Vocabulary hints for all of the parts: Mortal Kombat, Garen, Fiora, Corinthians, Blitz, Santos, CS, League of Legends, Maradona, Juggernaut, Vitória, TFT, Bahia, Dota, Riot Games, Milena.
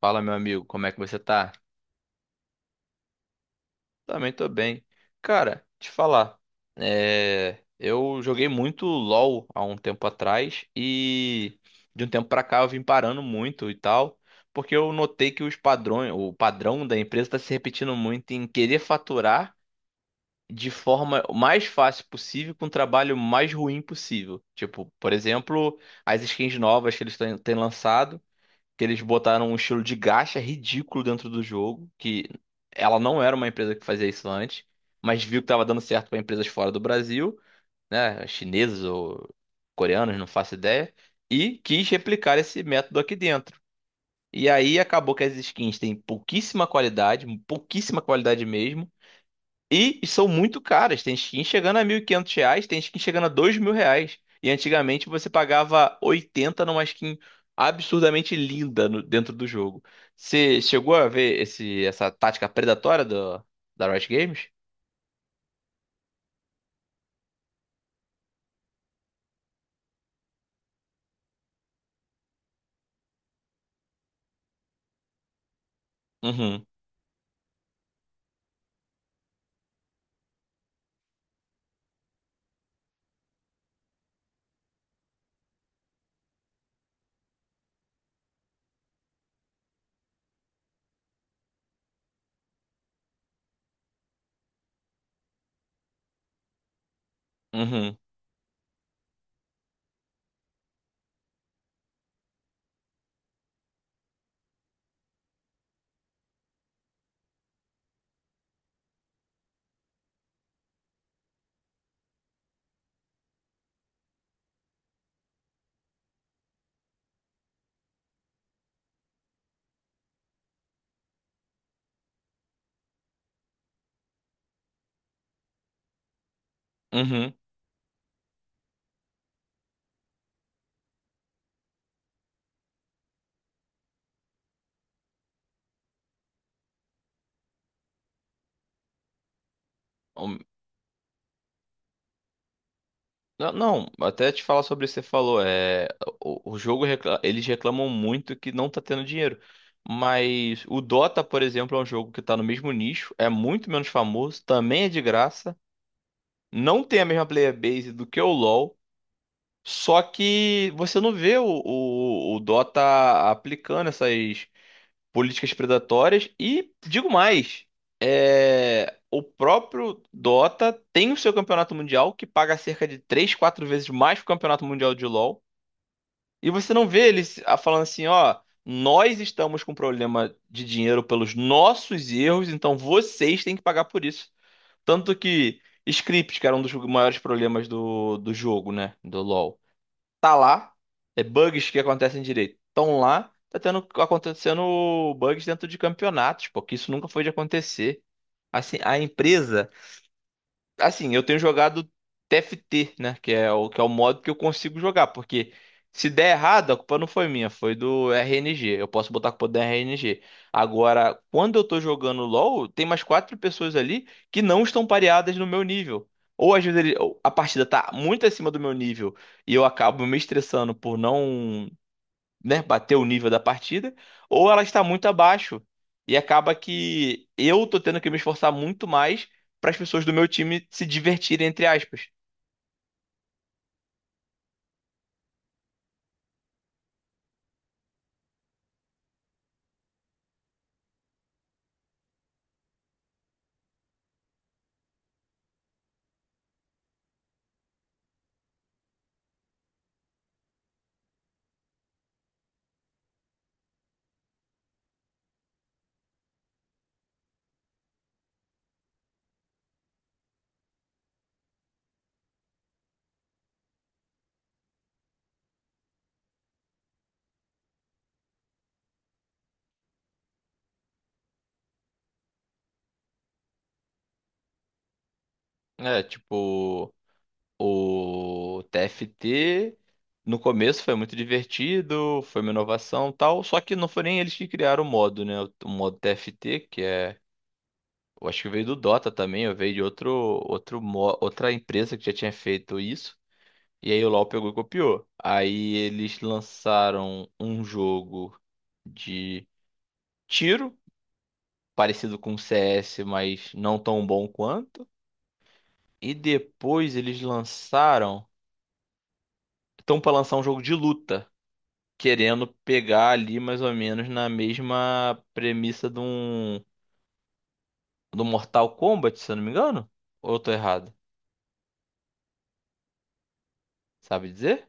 Fala, meu amigo, como é que você tá? Também tô bem. Cara, te falar, eu joguei muito LoL há um tempo atrás e de um tempo pra cá eu vim parando muito e tal, porque eu notei que o padrão da empresa tá se repetindo muito em querer faturar de forma mais fácil possível com o trabalho mais ruim possível. Tipo, por exemplo, as skins novas que eles têm lançado. Que eles botaram um estilo de gacha ridículo dentro do jogo, que ela não era uma empresa que fazia isso antes, mas viu que estava dando certo para empresas fora do Brasil, né, chineses ou coreanos, não faço ideia, e quis replicar esse método aqui dentro. E aí acabou que as skins têm pouquíssima qualidade mesmo, e são muito caras. Tem skin chegando a R$ 1.500, tem skin chegando a R$ 2.000. E antigamente você pagava 80 numa skin absurdamente linda dentro do jogo. Você chegou a ver essa tática predatória da Riot Games? Uhum, uhum, uhum. Um, Não, não, até te falar sobre isso que você falou. O jogo, eles reclamam muito que não tá tendo dinheiro. Mas o Dota, por exemplo, é um jogo que tá no mesmo nicho, é muito menos famoso, também é de graça. Não tem a mesma player base do que o LoL, só que você não vê o Dota aplicando essas políticas predatórias e digo mais, o próprio Dota tem o seu campeonato mundial que paga cerca de 3, 4 vezes mais que o campeonato mundial de LoL e você não vê eles falando assim, ó, nós estamos com problema de dinheiro pelos nossos erros, então vocês têm que pagar por isso. Tanto que script, que era um dos maiores problemas do jogo, né? Do LoL. Tá lá, é bugs que acontecem direito. Tão lá, tá tendo acontecendo bugs dentro de campeonatos, porque isso nunca foi de acontecer. Assim, a empresa. Assim, eu tenho jogado TFT, né? Que é o modo que eu consigo jogar. Porque se der errado, a culpa não foi minha, foi do RNG. Eu posso botar a culpa do RNG. Agora, quando eu tô jogando LoL, tem mais 4 pessoas ali que não estão pareadas no meu nível. Ou às vezes ele- Ou a partida tá muito acima do meu nível e eu acabo me estressando por não, né, bater o nível da partida, ou ela está muito abaixo. E acaba que eu tô tendo que me esforçar muito mais para as pessoas do meu time se divertirem, entre aspas. É, tipo, o TFT no começo foi muito divertido, foi uma inovação e tal, só que não foi nem eles que criaram o modo, né? O modo TFT, que é. Eu acho que veio do Dota também, eu veio de outro, outra empresa que já tinha feito isso. E aí o LoL pegou e copiou. Aí eles lançaram um jogo de tiro, parecido com o CS, mas não tão bom quanto. E depois eles lançaram, estão para lançar um jogo de luta, querendo pegar ali mais ou menos na mesma premissa de um do Mortal Kombat, se eu não me engano. Ou eu tô errado? Sabe dizer?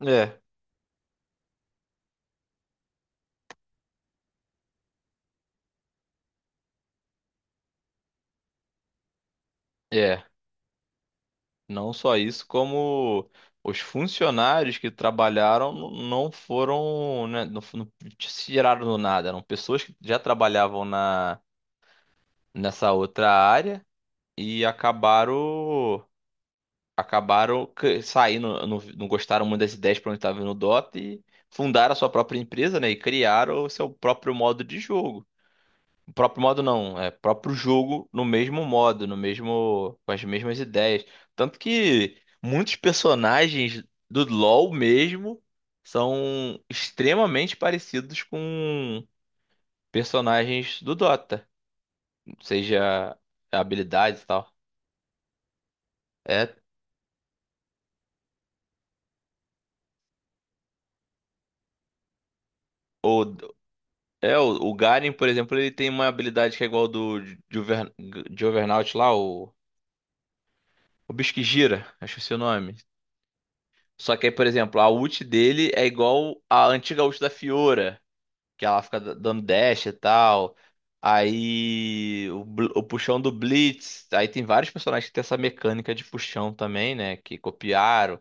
É. É. Não só isso, como os funcionários que trabalharam não foram, né, não se tiraram do nada. Eram pessoas que já trabalhavam nessa outra área e saindo, não, não gostaram muito das ideias para onde estava indo o Dota e fundaram a sua própria empresa, né, e criaram o seu próprio modo de jogo. O próprio modo não, é próprio jogo no mesmo modo, no mesmo, com as mesmas ideias. Tanto que muitos personagens do LoL mesmo são extremamente parecidos com personagens do Dota, seja habilidades e tal. É, ou, é o Garen, por exemplo, ele tem uma habilidade que é igual do Juver- Juggernaut lá, o bicho que gira, acho que é o seu nome. Só que aí, por exemplo, a ult dele é igual a antiga ult da Fiora, que ela fica dando dash e tal. Aí o puxão do Blitz. Aí tem vários personagens que tem essa mecânica de puxão também, né? Que copiaram.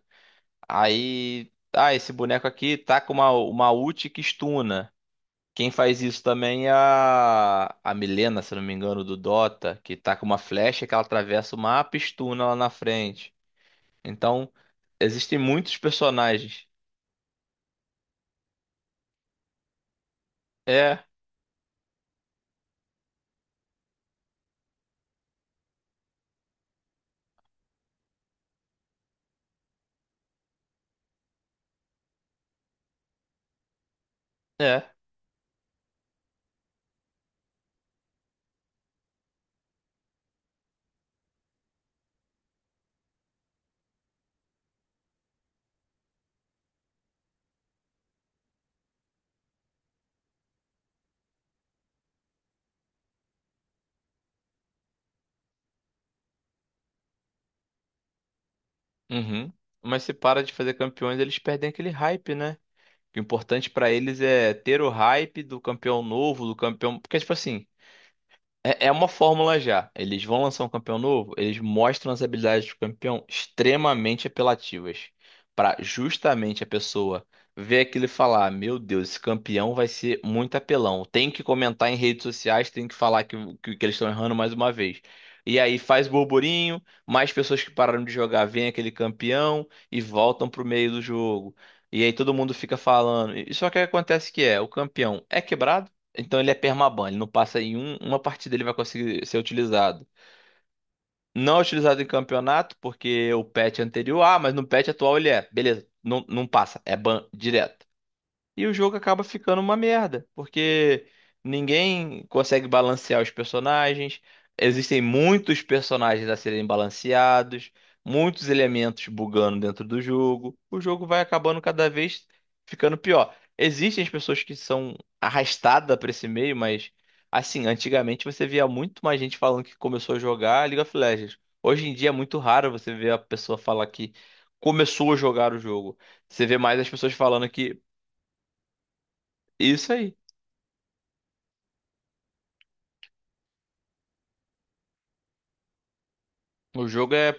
Aí, ah, esse boneco aqui tá com uma ult que stuna. Quem faz isso também é a Milena, se não me engano, do Dota, que tá com uma flecha que ela atravessa o mapa e stuna lá na frente. Então, existem muitos personagens. É, é. Uhum. Mas se para de fazer campeões, eles perdem aquele hype, né? O importante pra eles é ter o hype do campeão novo, do campeão. Porque, tipo assim, é uma fórmula já. Eles vão lançar um campeão novo, eles mostram as habilidades do campeão extremamente apelativas. Pra justamente a pessoa ver aquilo e falar: Meu Deus, esse campeão vai ser muito apelão. Tem que comentar em redes sociais, tem que falar que eles estão errando mais uma vez. E aí faz burburinho, mais pessoas que pararam de jogar veem aquele campeão e voltam pro meio do jogo. E aí todo mundo fica falando. E só que acontece o campeão é quebrado, então ele é permaban, ele não passa em uma partida ele vai conseguir ser utilizado. Não é utilizado em campeonato, porque o patch anterior, ah, mas no patch atual ele é. Beleza, não, não passa, é ban direto. E o jogo acaba ficando uma merda, porque ninguém consegue balancear os personagens. Existem muitos personagens a serem balanceados, muitos elementos bugando dentro do jogo. O jogo vai acabando cada vez ficando pior. Existem as pessoas que são arrastadas para esse meio, mas assim, antigamente você via muito mais gente falando que começou a jogar League of Legends. Hoje em dia é muito raro você ver a pessoa falar que começou a jogar o jogo. Você vê mais as pessoas falando que isso aí. O jogo é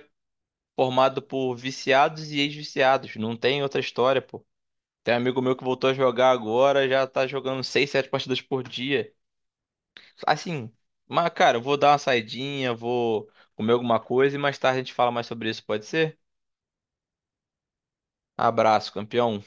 formado por viciados e ex-viciados. Não tem outra história, pô. Tem um amigo meu que voltou a jogar agora, já tá jogando 6, 7 partidas por dia. Assim, mas cara, eu vou dar uma saidinha, vou comer alguma coisa e mais tarde a gente fala mais sobre isso, pode ser? Abraço, campeão.